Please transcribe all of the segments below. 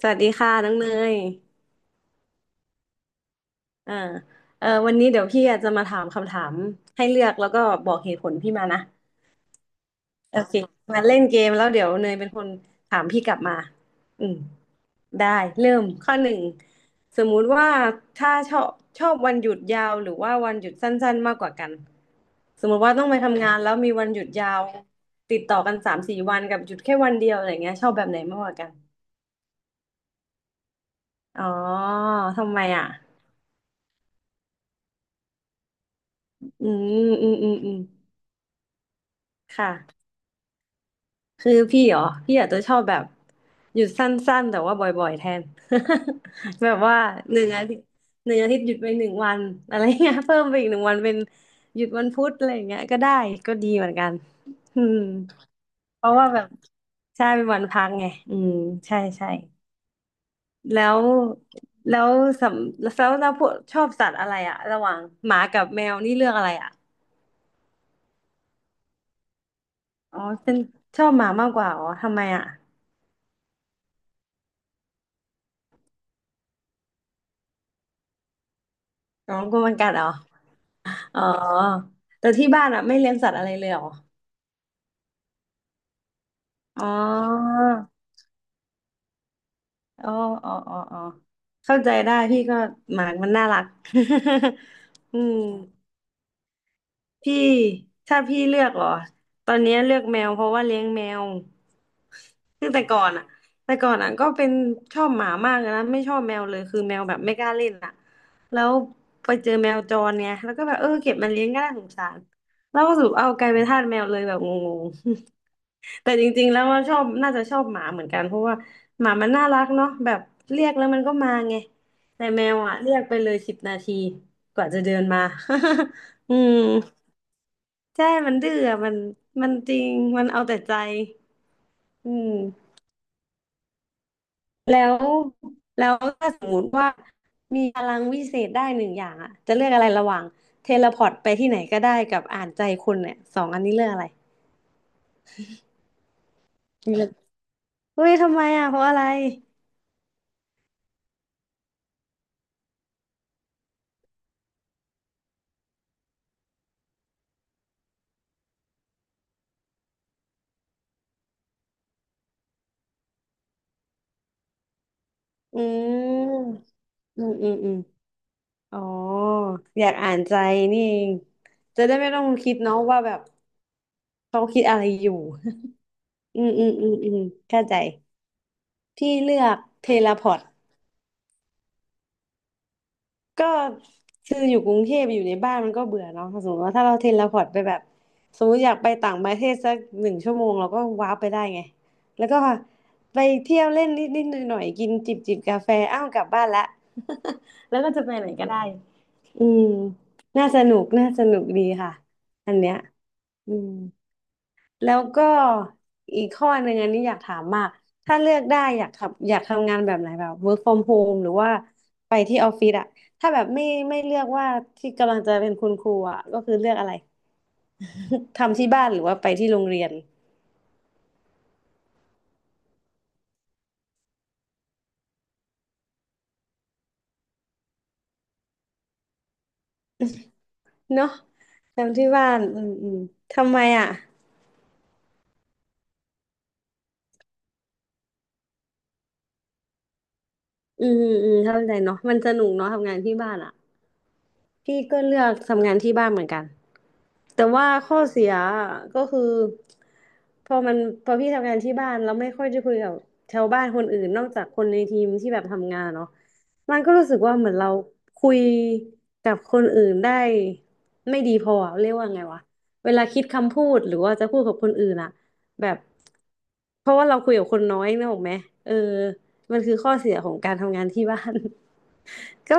สวัสดีค่ะน้องเนยอ่าเออวันนี้เดี๋ยวพี่อาจจะมาถามคำถามให้เลือกแล้วก็บอกเหตุผลพี่มานะโอเคมาเล่นเกมแล้วเดี๋ยวเนยเป็นคนถามพี่กลับมาอืมได้เริ่มข้อหนึ่งสมมุติว่าถ้าชอบวันหยุดยาวหรือว่าวันหยุดสั้นๆมากกว่ากัน สมมุติว่าต้องไปทำงานแล้วมีวันหยุดยาวติดต่อกัน3-4 วันกับหยุดแค่วันเดียวอะไรเงี้ยชอบแบบไหนมากกว่ากันอ๋อทำไมอ่ะอืมอืมอืมอืมค่ะ คือพี่เหรอพี่อาจจะชอบแบบหยุดสั้นๆแต่ว่าบ่อยๆแทน แบบว่าหนึ่งอาทิตย์หนึ่งอาทิตย์หยุดไปหนึ่งวันอะไรเงี้ย เพิ่มไปอีกหนึ่งวันเป็นหยุดวันพุธอะไรเงี้ยก็ได้ก็ดีเหมือนกันอืมเพราะว่าแบบใช่เป็นวันพักไงอืมใช่ใช่แล้วแล้วสำแล้วเราพวกชอบสัตว์อะไรอะระหว่างหมากับแมวนี่เลือกอะไรอะอ๋อเป็นชอบหมามากกว่าอ๋อทำไมอะน้องกลัวมันกัดเหรอ อ๋อ แต่ที่บ้านอ่ะไม่เลี้ยงสัตว์อะไรเลยเหรออ๋ออ๋อ อ๋อ อ๋อ อ๋อ เข้าใจได้พี่ก็หมามันน่ารัก อืม พี่ถ้าพี่เลือกเหรอตอนนี้เลือกแมวเพราะว่าเลี้ยงแมวคือแต่ก่อนอะแต่ก่อนอะก็เป็นชอบหมามากเลยนะไม่ชอบแมวเลยคือแมวแบบไม่กล้าเล่นอ่ะแล้วไปเจอแมวจรเนี่ยแล้วก็แบบเออเก็บมาเลี้ยงก็น่าสงสารแล้วก็สรุปเอากลายเป็นทาสแมวเลยแบบงงๆ แต่จริงๆแล้วว่าชอบน่าจะชอบหมาเหมือนกันเพราะว่าหมามันน่ารักเนาะแบบเรียกแล้วมันก็มาไงแต่แมวอะเรียกไปเลย10 นาทีกว่าจะเดินมา อืม ใช่มันดื้ออะมันจริง มันเอาแต่ใจอืมแล้วแล้วถ้าสมมติว่ามีพลังวิเศษได้หนึ่งอย่างอะจะเลือกอะไรระหว่างเทเลพอร์ตไปที่ไหนก็ได้กับอ่านใจคนเนี่ยสองอันนี้เลือกอะไรเลือกเฮ้ยทำไมอะเพราะอะไรอืมอืมอืมอืมอ๋ออยากอ่านใจนี่เองจะได้ไม่ต้องคิดเนาะว่าแบบเขาคิดอะไรอยู่ อืมอืมอืมอืมเข้าใจพี่เลือกเทเลพอร์ต ก็คืออยู่กรุงเทพอยู่ในบ้านมันก็เบื่อเนาะถ้าสมมติว่าถ้าเราเทเลพอร์ตไปแบบสมมติอยากไปต่างประเทศสักหนึ่งชั่วโมงเราก็ว้าร์ปไปได้ไงแล้วก็ไปเที่ยวเล่นนิดนิดหน่อยหน่อยๆกินจิบจิบกาแฟอ้าวกลับบ้านละ แล้วก็จะไปไหนก็ได้อืมน่าสนุกน่าสนุกดีค่ะอันเนี้ยอืม แล้วก็อีกข้อหนึ่งอันนี้อยากถามมากถ้าเลือกได้อยากทำงานแบบไหนแบบ work from home หรือว่าไปที่ออฟฟิศอะถ้าแบบไม่เลือกว่าที่กำลังจะเป็นคุณครูอะก็คือเลือกอะไรทำที่บ้านหรือว่าไปที่โรงเรียนเนาะทำที่บ้านอืมอืมทำไมอะอืมอืมมเข้าใจเนาะมันสนุกเนาะทำงานที่บ้านอะ พี่ก็เลือกทำงานที่บ้านเหมือนกัน แต่ว่าข้อเสียก็คือพอมันพอพี่ทำงานที่บ้านแล้วไม่ค่อยจะคุยกับชาวบ้านคนอื่นนอกจากคนในทีมที่แบบทำงานเนาะมันก็รู้สึกว่าเหมือนเราคุยกับคนอื่นได้ไม่ดีพออะเรียกว่าไงวะ เวลาคิดคำพูดหรือว่าจะพูดกับคนอื่นอะแบบเพราะว่าเราคุยกับคนน้อยนึกออกไหมเออ มันคือข้อเสียของการทำงานที่บ้าน ก็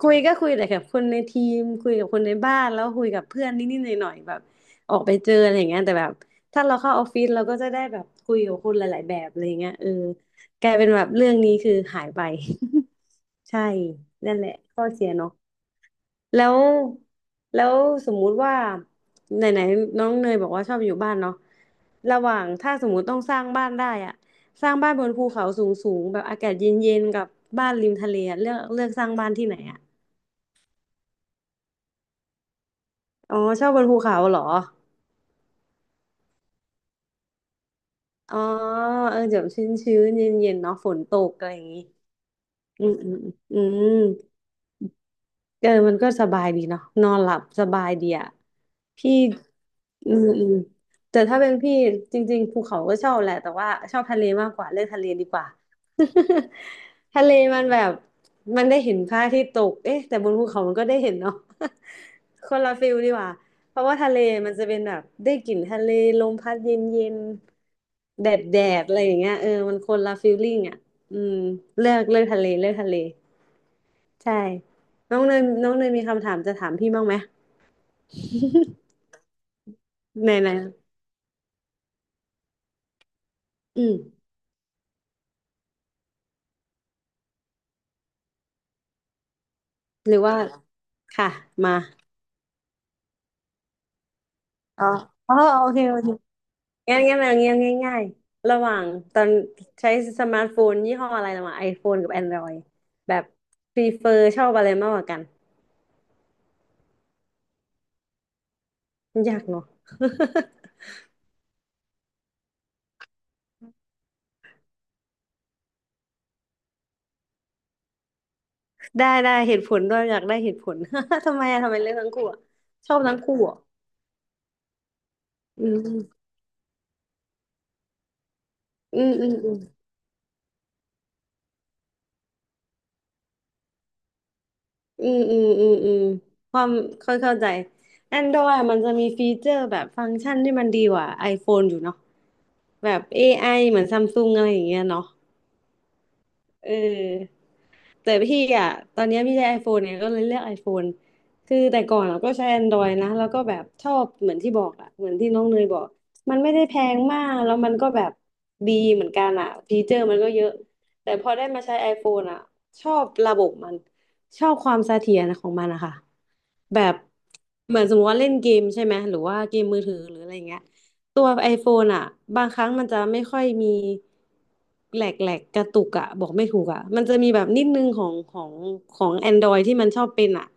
คุยก็คุยแต่กับคนในทีมคุยกับคนในบ้านแล้วคุยกับเพื่อนนิดๆหน่อยๆแบบออกไปเจออะไรอย่างเงี้ยแต่แบบถ้าเราเข้าออฟฟิศเราก็จะได้แบบคุยกับคนหลายๆแบบอะไรอย่างเงี้ยเออกลายเป็นแบบเรื่องนี้คือหายไป ใช่นั่นแหละข้อเสียเนาะ แล้วแล้วสมมุติว่าไหนไหนน้องเนยบอกว่าชอบอยู่บ้านเนาะระหว่างถ้าสมมุติต้องสร้างบ้านได้อะสร้างบ้านบนภูเขาสูงสูงแบบอากาศเย็นเย็นกับบ้านริมทะเลอะเลือกเลือกสร้างบ้านที่ไหนอะอ๋อชอบบนภูเขาเหรออ๋อเออเดี๋ยวชื้นชื้นเย็นเย็นๆเนาะฝนตกอะไรอย่างงี้อืมอืมอืม เออมันก็สบายดีเนาะนอนหลับสบายดีอ่ะพี่อืมอืมแต่ถ้าเป็นพี่จริงๆภูเขาก็ชอบแหละแต่ว่าชอบทะเลมากกว่าเลือกทะเลดีกว่า ทะเลมันแบบมันได้เห็นพระอาทิตย์ตกเอ๊ะแต่บนภูเขามันก็ได้เห็นเนาะ คนละฟิลดีกว่าเพราะว่าทะเลมันจะเป็นแบบได้กลิ่นทะเลลมพัดเย็นๆยนแดดแดดอะไรอย่างเงี้ยเออมันคนละฟิลลิ่งอ่ะอืมเลือกเลือกทะเลเลือกทะเล ใช่ น้องเนยน้องเนยมีคำถามจะถามพี่บ้างไหม ไหนไหนอืมหรือว่า ค่ะ มาอ๋ออ๋อโอเคโอเคงั้นงั้นเอางี้ง่ายง่ายๆระหว่างตอนใช้สมาร์ทโฟนยี่ห้ออะไรระหว่าง iPhone กับ Android แบบพรีเฟอร์ชอบอะไรมากกว่ากันยากเนาะ ได้ได้เหตุผลด้วยอยากได้เหตุผล ทำไมอะทำไมเลือกทั้งคู่อะชอบทั้งคู่อะอืมอืมอืมอืม อืมอืมอืมอืมความเ่้าเข้าใจ Android มันจะมีฟีเจอร์แบบฟังก์ชันที่มันดีกว่า iPhone อยู่เนาะแบบ AI เหมือนซัมซุงอะไรอย่างเงี้ยเนาะ เออแต่พี่อ่ะตอนเนี้ยพี่ใช้ iPhone เนี่ยก็เลยเลือก iPhone คือแต่ก่อนเราก็ใช้ Android นะแล้วก็แบบชอบเหมือนที่บอกอ่ะเหมือนที่น้องเนยบอกมันไม่ได้แพงมากแล้วมันก็แบบดีเหมือนกันอ่ะฟีเจอร์มันก็เยอะแต่พอได้มาใช้ iPhone อ่ะชอบระบบมันชอบความเสถียรของมันนะคะแบบเหมือนสมมติว่าเล่นเกมใช่ไหมหรือว่าเกมมือถือหรืออะไรเงี้ย ตัว iPhone อ่ะบางครั้งมันจะไม่ค่อยมีแหลกแหลกกระตุกอ่ะบอกไม่ถูกอ่ะมันจะมีแบบนิดนึงของของ Android ที่มันชอบเป็นอ่ะ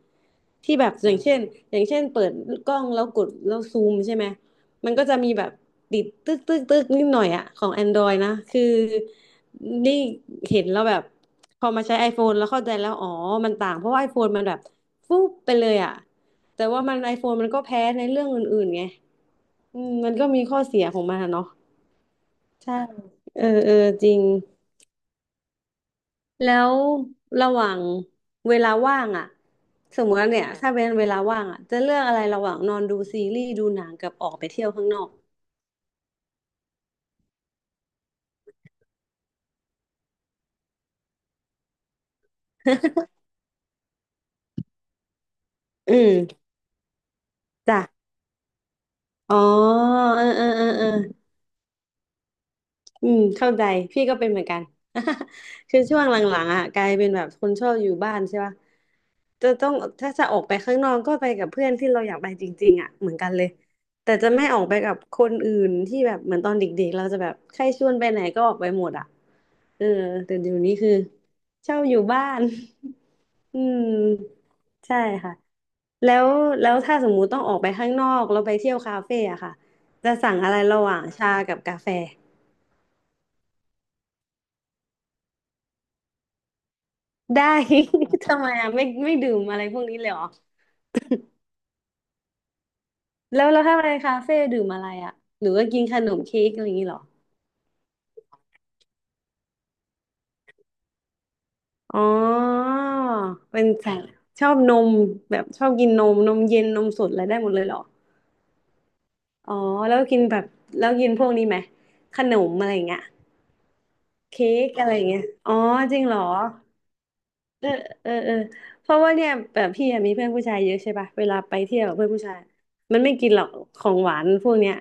ที่แบบอย่างเช่นอย่างเช่นเปิดกล้องแล้วกดแล้วซูมใช่ไหมมันก็จะมีแบบติดตึกตึกตึกนิดหน่อยอ่ะของ Android นะคือนี่เห็นแล้วแบบพอมาใช้ iPhone แล้วเข้าใจแล้วอ๋อมันต่างเพราะว่า iPhone มันแบบฟุ๊บไปเลยอ่ะแต่ว่ามัน iPhone มันก็แพ้ในเรื่องอื่นๆไง อืมมันก็มีข้อเสียของมันอะเนาะใช่เออเออจริงแล้วระหว่างเวลาว่างอ่ะสมมติว่าเนี่ยถ้าเป็นเวลาว่างอ่ะจะเลือกอะไรระหว่างนอนดูซีรีส์ดูหนังกับออกไปเที่ยวข้างนอกอืมจ้ะอ๋อเออเออเออเออ อืมเข้าใจพี่ก็เป็นเหมือนกัน คือช่วงหลังๆอ่ะกลายเป็นแบบคนชอบอยู่บ้านใช่ป่ะจะต้องถ้าจะออกไปข้างนอกก็ไปกับเพื่อนที่เราอยากไปจริงๆอ่ะเหมือนกันเลยแต่จะไม่ออกไปกับคนอื่นที่แบบเหมือนตอนเด็กๆเราจะแบบใครชวนไปไหนก็ออกไปหมดอ่ะเออแต่เดี๋ยวนี้คือเช่าอยู่บ้าน อืมใช่ค่ะแล้วแล้วถ้าสมมุติต้องออกไปข้างนอกเราไปเที่ยวคาเฟ่อะค่ะจะสั่งอะไรระหว่างชากับกาแฟ ได้ ทำไมอ่ะไม่ไม่ดื่มอะไรพวกนี้เลยเหรอแล้วแล้วถ้าไปคาเฟ่ดื่มอะไรอ่ะหรือว่ากินขนมเค้กอะไรอย่างนี้เหรออ๋อเป็นสายชอบนมแบบชอบกินนมนมเย็นนมสดอะไรได้หมดเลยเหรออ๋อแล้วกินแบบแล้วกินพวกนี้ไหมขนมอะไรอย่างเงี้ยเค้กอะไรอย่างเงี้ยอ๋อจริงเหรอ เออเออเออเพราะว่าเนี่ยแบบพี่อะมีเพื่อนผู้ชายเยอะใช่ป่ะเวลาไปเที่ยวกับเพื่อนผู้ชายมันไม่กินหรอกของหวานพวกเนี้ย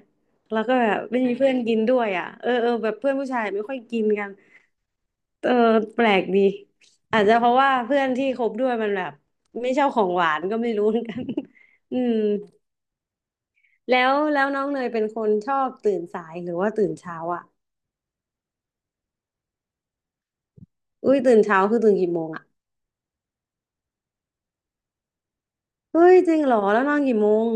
แล้วก็แบบไม่มีเพื่อนกินด้วยอ่ะเออเออแบบเพื่อนผู้ชายไม่ค่อยกินกันเออแปลกดีอาจจะเพราะว่าเพื่อนที่คบด้วยมันแบบไม่ชอบของหวานก็ไม่รู้เหมือนกัน อืมแล้วแล้วน้องเนยเป็นคนชอบตื่นสายหรือว่าตื่นเช้าอ่ะอุ้ยตื่นเช้าคือตื่นกี่โมงอ่ะเฮ้ยจริงเหรอแล้วนอนกี่โมง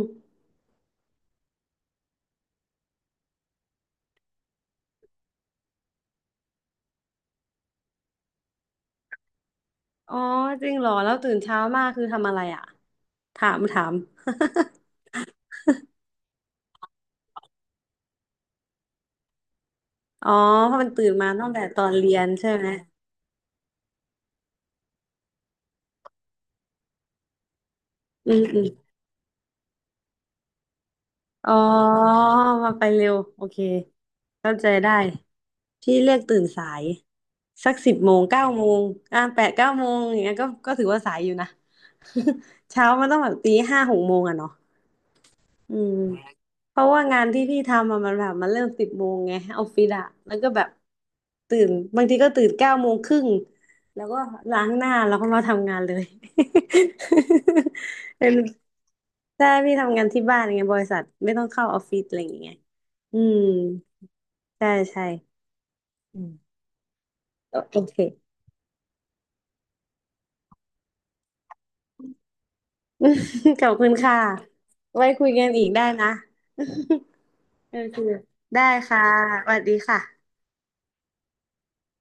อ๋อจริงเหรอแล้วตื่นเช้ามากคือทำอะไรอ่ะ ถามถาม อ๋อเพราะมันตื่นมาตั้งแต่ตอนเรียนใช่ไหมอืมอืมอ๋อ มาไปเร็วโอเคเข้าใจได้พี่เลือกตื่นสายสักสิบโมงเก้าโมงอ่ะแปดเก้าโมงอย่างเงี้ยก็ก็ถือว่าสายอยู่นะ เช้ามันต้องแบบตีห้าหกโมงอะเนาะอืม เพราะว่างานที่พี่ทำอะมันแบบมันเริ่มสิบโมงไงออฟฟิศอะแล้วก็แบบตื่นบางทีก็ตื่นเก้าโมงครึ่งแล้วก็ล้างหน้าแล้วก็มาทำงานเลย เป็นใช่พี่ทำงานที่บ้านไงบริษัทไม่ต้องเข้าออฟฟิศอะไรอย่างเงี้ยอืมใช่ใช่อืมโอโอเค ขอบคุณค่ะไว้คุยกันอีกได้นะ โอเคได้ค่ะสวัสดีค่ะ